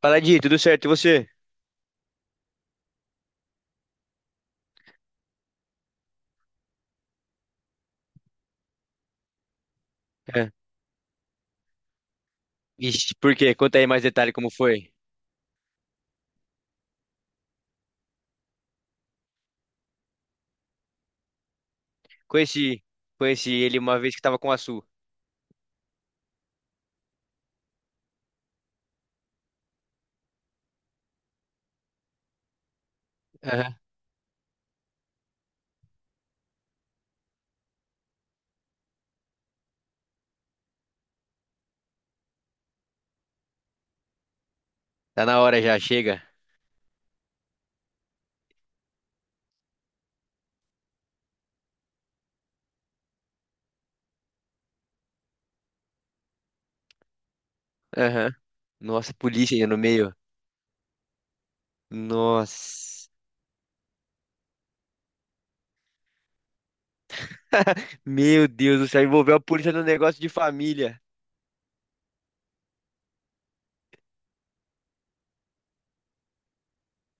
Fala, Di, tudo certo? E você? É. Ixi, por quê? Conta aí mais detalhe como foi. Conheci, conheci ele uma vez que tava com a Su. Aham. Tá na hora já, chega. Aham. Nossa, polícia ainda no meio. Nossa. Meu Deus do céu, envolveu a polícia no negócio de família.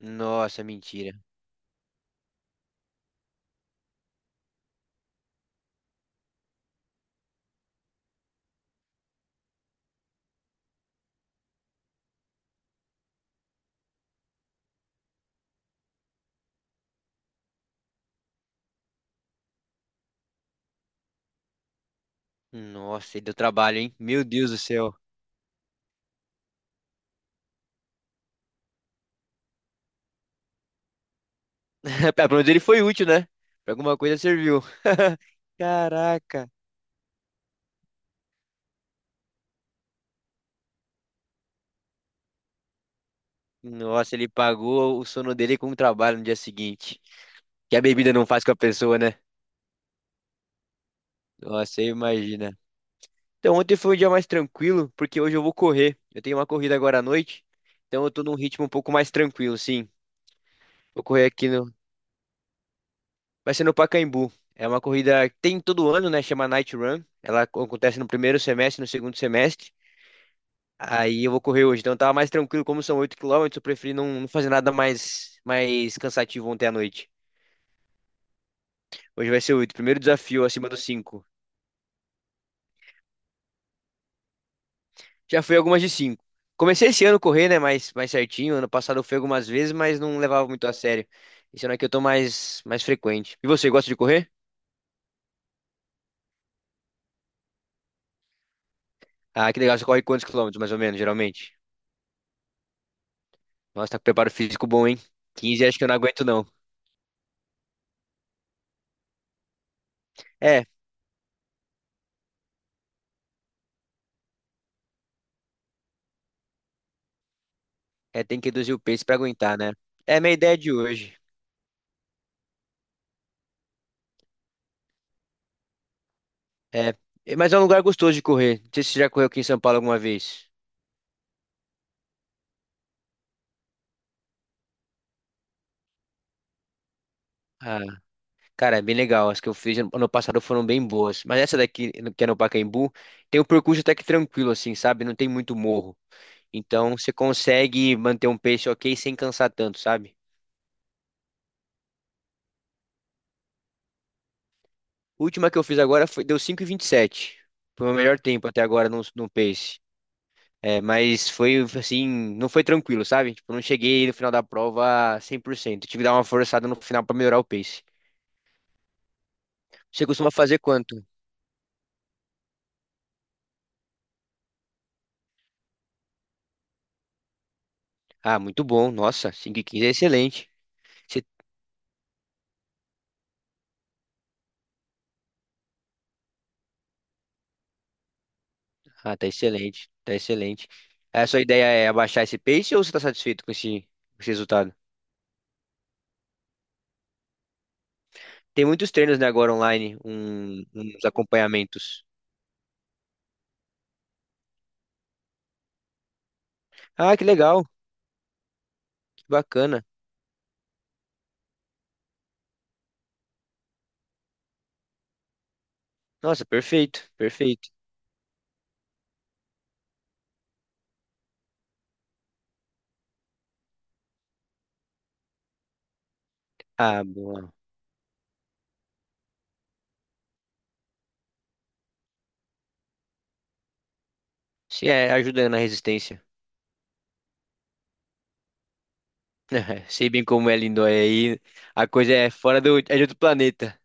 Nossa, mentira. Nossa, ele deu trabalho, hein? Meu Deus do céu. Pelo menos ele foi útil, né? Pra alguma coisa serviu. Caraca. Nossa, ele pagou o sono dele com o trabalho no dia seguinte. Que a bebida não faz com a pessoa, né? Nossa, você imagina. Então, ontem foi um dia mais tranquilo, porque hoje eu vou correr. Eu tenho uma corrida agora à noite, então eu tô num ritmo um pouco mais tranquilo, sim. Vou correr aqui no. Vai ser no Pacaembu. É uma corrida que tem todo ano, né? Chama Night Run. Ela acontece no primeiro semestre, no segundo semestre. Aí eu vou correr hoje. Então eu tava mais tranquilo, como são 8 quilômetros, eu preferi não, não fazer nada mais cansativo ontem à noite. Hoje vai ser 8. Primeiro desafio acima dos 5. Já fui algumas de cinco. Comecei esse ano a correr, né, mais certinho. Ano passado eu fui algumas vezes, mas não levava muito a sério. Esse ano aqui eu tô mais frequente. E você, gosta de correr? Ah, que legal. Você corre quantos quilômetros, mais ou menos, geralmente? Nossa, tá com preparo físico bom, hein? 15 acho que eu não aguento, não. É, tem que reduzir o peso pra aguentar, né? É a minha ideia de hoje. É, mas é um lugar gostoso de correr. Não sei se você já correu aqui em São Paulo alguma vez. Ah, cara, é bem legal. As que eu fiz ano passado foram bem boas. Mas essa daqui, que é no Pacaembu, tem um percurso até que tranquilo, assim, sabe? Não tem muito morro. Então você consegue manter um pace ok sem cansar tanto, sabe? A última que eu fiz agora foi, deu 5,27. Foi o meu melhor tempo até agora no pace. É, mas foi assim, não foi tranquilo, sabe? Tipo, eu não cheguei no final da prova 100%. Tive que dar uma forçada no final pra melhorar o pace. Você costuma fazer quanto? Ah, muito bom. Nossa, 5,15 é excelente. Ah, tá excelente, tá excelente. A sua ideia é abaixar esse pace ou você tá satisfeito com esse, com, esse resultado? Tem muitos treinos, né, agora online, uns acompanhamentos. Ah, que legal, que bacana. Nossa, perfeito, perfeito. Ah, boa. Se é ajuda na resistência. Sei bem como é lindo aí. A coisa é fora do, é de outro planeta.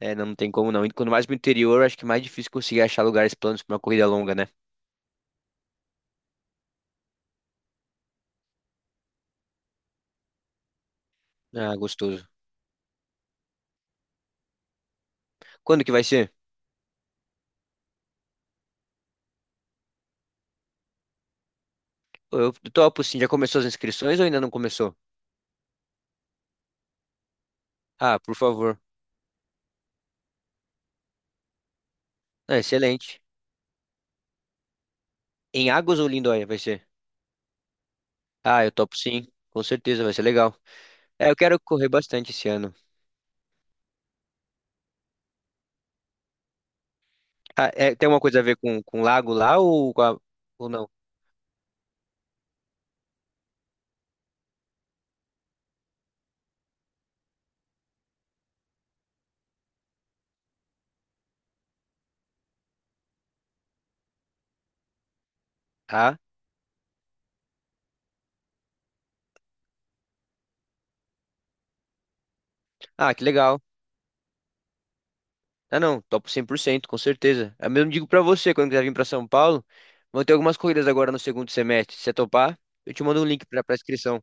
É, não, não tem como não. E quando mais pro interior, acho que é mais difícil conseguir achar lugares planos pra uma corrida longa, né? Ah, gostoso. Quando que vai ser? Pô, eu topo sim, já começou as inscrições ou ainda não começou? Ah, por favor. Ah, excelente. Em Águas ou Lindóia vai ser? Ah, eu topo sim. Com certeza vai ser legal. É, eu quero correr bastante esse ano. Ah, é, tem alguma coisa a ver com, lago lá ou, com a- ou não? Ah, ah, que legal. Ah, não, topo 100%, com certeza. Eu mesmo digo pra você, quando quiser vir pra São Paulo, vão ter algumas corridas agora no segundo semestre. Se você topar, eu te mando um link pra inscrição.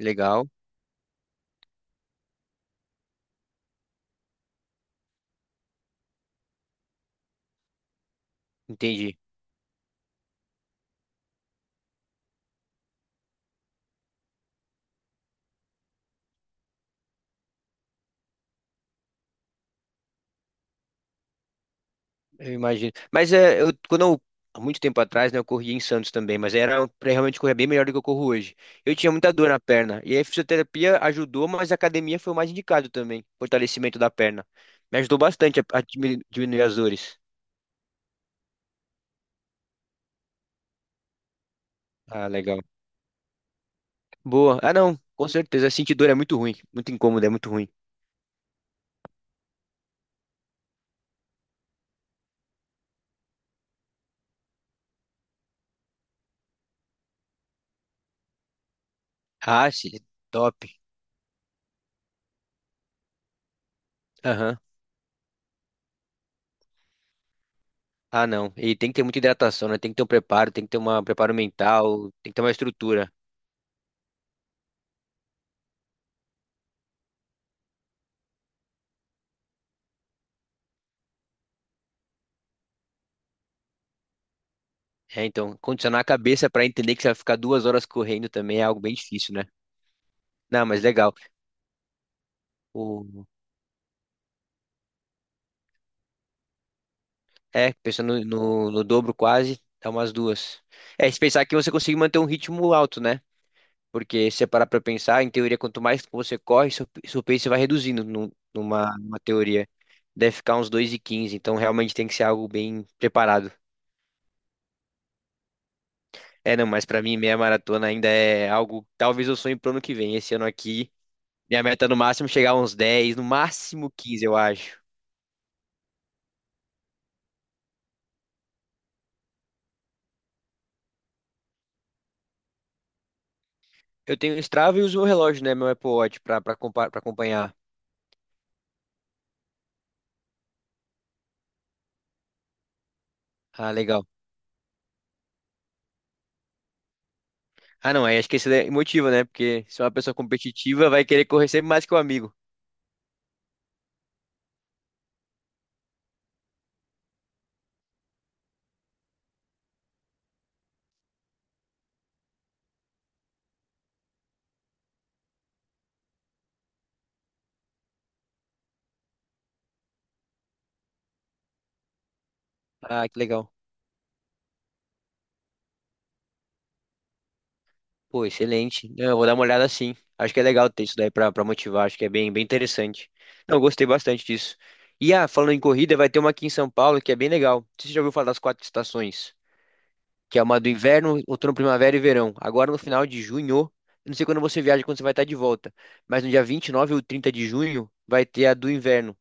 Legal, entendi. Eu imagino. Mas é, eu, quando eu, há muito tempo atrás, né, eu corria em Santos também, mas era pra realmente correr bem melhor do que eu corro hoje. Eu tinha muita dor na perna, e aí a fisioterapia ajudou, mas a academia foi o mais indicado também, fortalecimento da perna. Me ajudou bastante a, diminuir as dores. Ah, legal. Boa. Ah, não, com certeza. Sentir dor é muito ruim, muito incômodo, é muito ruim. Ah, sim, top. Aham. Ah, não. E tem que ter muita hidratação, né? Tem que ter um preparo, tem que ter um preparo mental, tem que ter uma estrutura. É, então, condicionar a cabeça para entender que você vai ficar 2 horas correndo também é algo bem difícil, né? Não, mas legal. O... É, pensando no, no dobro quase, dá umas duas. É, se pensar que você consegue manter um ritmo alto, né? Porque se você parar para pensar, em teoria, quanto mais você corre, seu, seu pace vai reduzindo numa teoria. Deve ficar uns 2:15. Então realmente tem que ser algo bem preparado. É, não, mas para mim meia maratona ainda é algo, talvez eu sonhe pro ano que vem. Esse ano aqui minha meta é no máximo é chegar a uns 10, no máximo 15 eu acho. Eu tenho o Strava e uso o relógio, né? Meu Apple Watch pra, pra, pra acompanhar. Ah, legal. Ah, não, aí acho que esse é motivo, né? Porque se é uma pessoa competitiva, vai querer correr sempre mais que o amigo. Ah, que legal. Pô, excelente. Não, eu vou dar uma olhada sim. Acho que é legal ter isso daí pra, motivar. Acho que é bem, bem interessante. Não, eu gostei bastante disso. E ah, falando em corrida, vai ter uma aqui em São Paulo que é bem legal. Você já ouviu falar das quatro estações? Que é uma do inverno, outono, primavera e verão. Agora no final de junho, eu não sei quando você viaja, quando você vai estar de volta, mas no dia 29 ou 30 de junho vai ter a do inverno.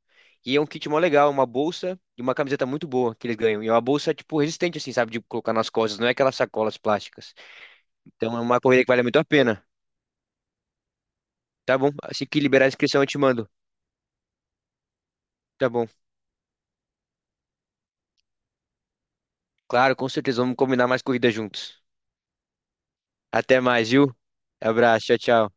E é um kit mó legal, uma bolsa e uma camiseta muito boa que eles ganham. E é uma bolsa, tipo, resistente, assim, sabe? De colocar nas costas, não é aquelas sacolas plásticas. Então é uma corrida que vale muito a pena. Tá bom? Assim que liberar a inscrição, eu te mando. Tá bom. Claro, com certeza, vamos combinar mais corridas juntos. Até mais, viu? Abraço, tchau, tchau.